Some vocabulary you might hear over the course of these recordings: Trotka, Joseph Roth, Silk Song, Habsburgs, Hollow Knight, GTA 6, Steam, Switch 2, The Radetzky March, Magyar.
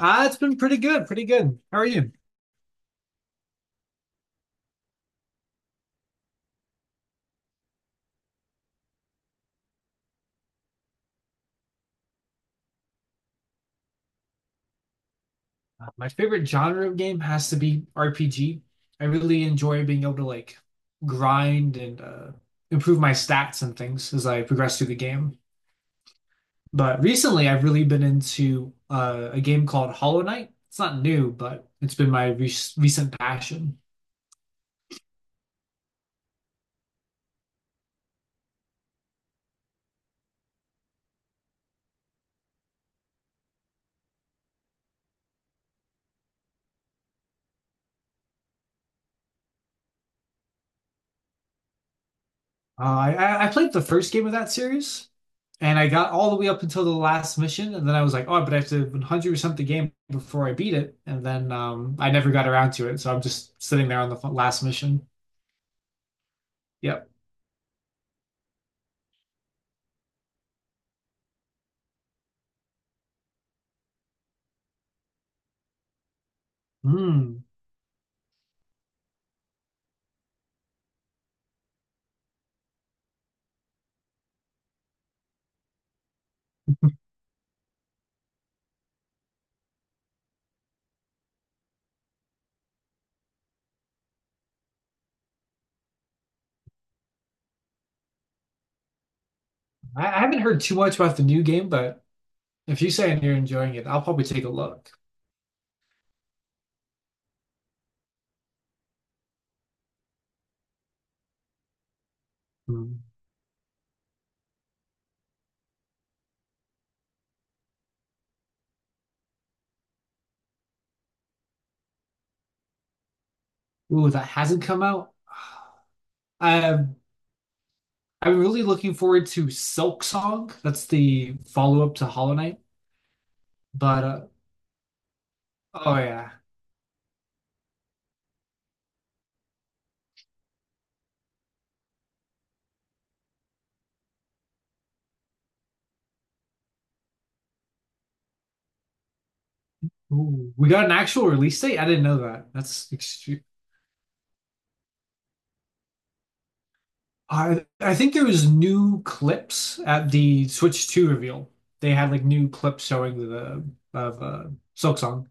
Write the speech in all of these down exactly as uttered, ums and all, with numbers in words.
Uh, it's been pretty good, pretty good. How are you? Uh, my favorite genre of game has to be R P G. I really enjoy being able to like grind and uh, improve my stats and things as I progress through the game. But recently, I've really been into uh, a game called Hollow Knight. It's not new, but it's been my re recent passion. Uh, I I played the first game of that series, and I got all the way up until the last mission, and then I was like, oh, but I have to one hundred percent the game before I beat it, and then um, I never got around to it, so I'm just sitting there on the f- last mission. Yep. Hmm. I, I haven't heard too much about the new game, but if you say you're enjoying it, I'll probably take a look. Hmm. Ooh, that hasn't come out. Um, I'm really looking forward to Silk Song. That's the follow-up to Hollow Knight, but uh, oh yeah. Ooh, we got an actual release date? I didn't know that. That's extreme. I I think there was new clips at the Switch two reveal. They had like new clips showing the of uh Silksong.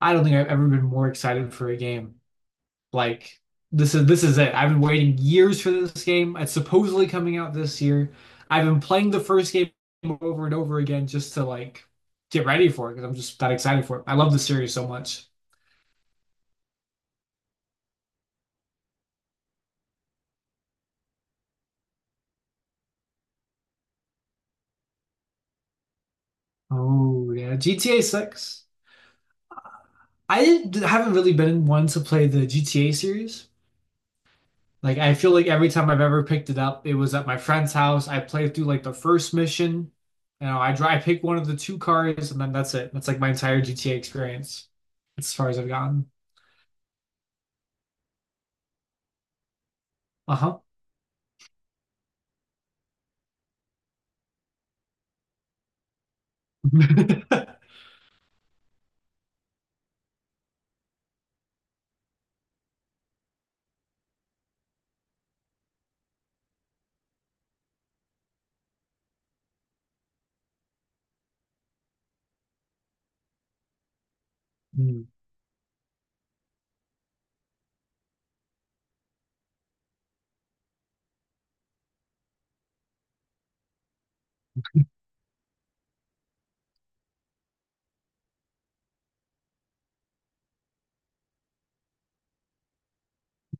I don't think I've ever been more excited for a game. Like this is this is it. I've been waiting years for this game. It's supposedly coming out this year. I've been playing the first game over and over again just to like get ready for it because I'm just that excited for it. I love the series so much. Oh yeah, G T A six. I d- haven't really been one to play the G T A series. Like I feel like every time I've ever picked it up, it was at my friend's house. I played through like the first mission. You know, I drive, I pick one of the two cars, and then that's it. That's like my entire G T A experience, as far as I've gotten. Uh-huh. Hmm.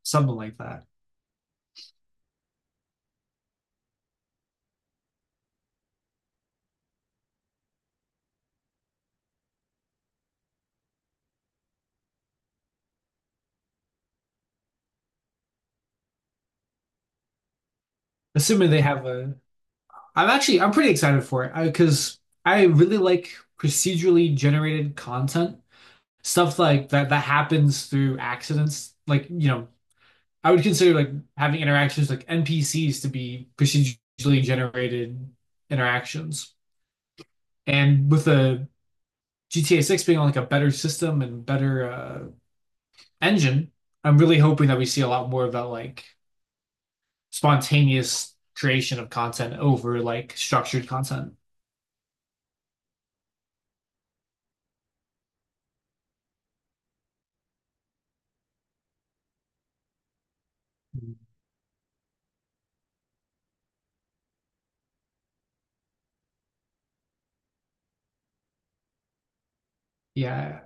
Something like that. Assuming they have a, I'm actually I'm pretty excited for it because I really like procedurally generated content, stuff like that that happens through accidents, like you know I would consider like having interactions like N P Cs to be procedurally generated interactions. And with the G T A six being on like a better system and better uh, engine, I'm really hoping that we see a lot more of that like spontaneous creation of content over like structured content. Yeah,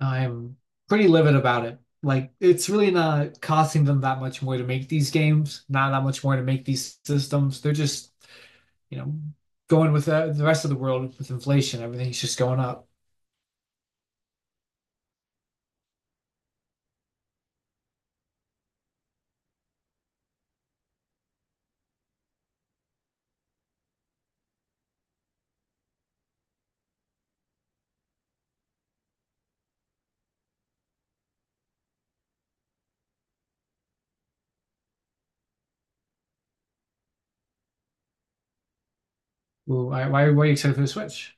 I'm pretty livid about it. Like, it's really not costing them that much more to make these games, not that much more to make these systems. They're just, you know, going with the, the rest of the world with inflation. Everything's just going up. Ooh, why, why, why are you excited for the Switch?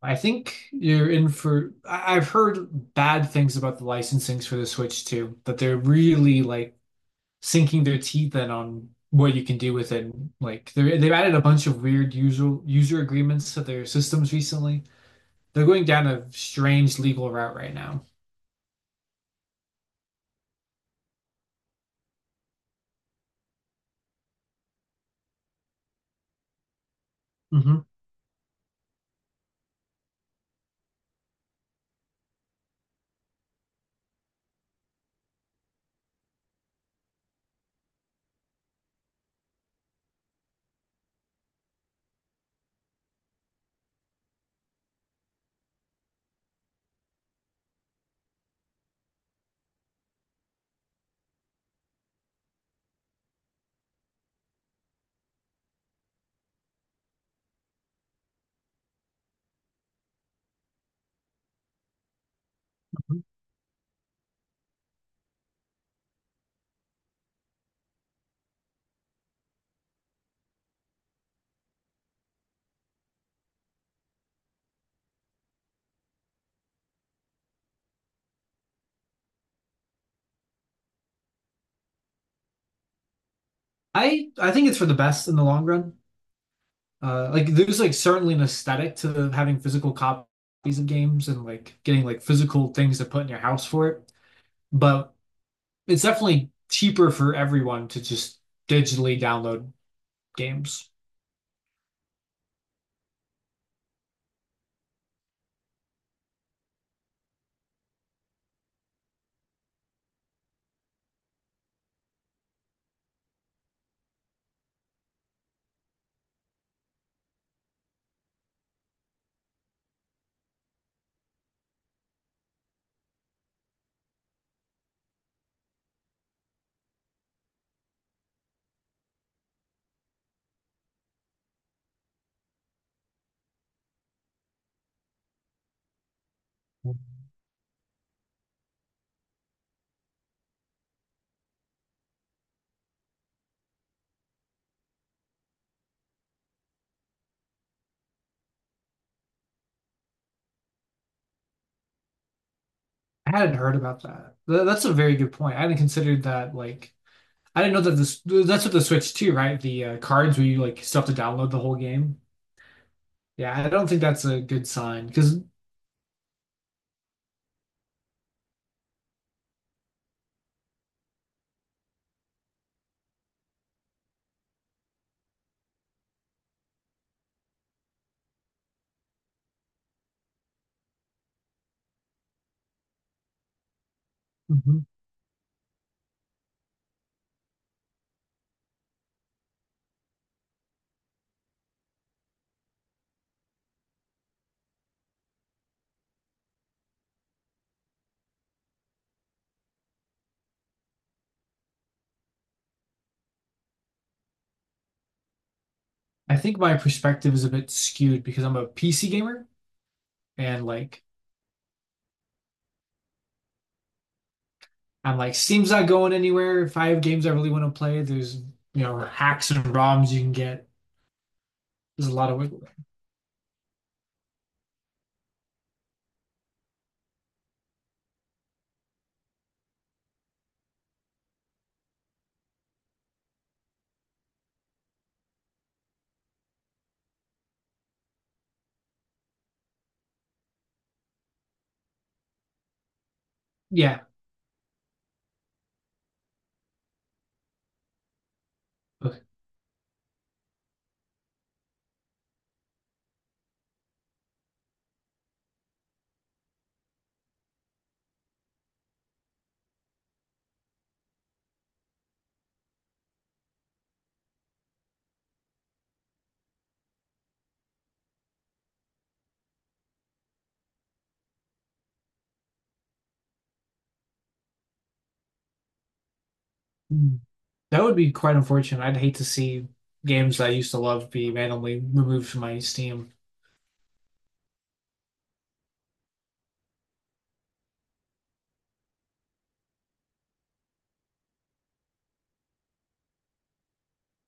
I think you're in for. I- I've heard bad things about the licensings for the Switch too, that they're really like sinking their teeth in on what you can do with it. Like they they've added a bunch of weird user user agreements to their systems recently. They're going down a strange legal route right now. Hmm. I I think it's for the best in the long run. Uh, like there's like certainly an aesthetic to having physical copies of games and like getting like physical things to put in your house for it. But it's definitely cheaper for everyone to just digitally download games. I hadn't heard about that. Th- that's a very good point. I hadn't considered that. Like, I didn't know that this. That's with the Switch too, right? The uh, cards where you like still have to download the whole game. Yeah, I don't think that's a good sign because I think my perspective is a bit skewed because I'm a P C gamer and like I'm like Steam's not going anywhere. If I have games I really want to play, there's you know hacks and ROMs you can get. There's a lot of wiggle room. Yeah, okay. Mm. That would be quite unfortunate. I'd hate to see games that I used to love be randomly removed from my Steam.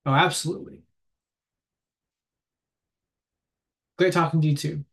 Oh, absolutely. Great talking to you too.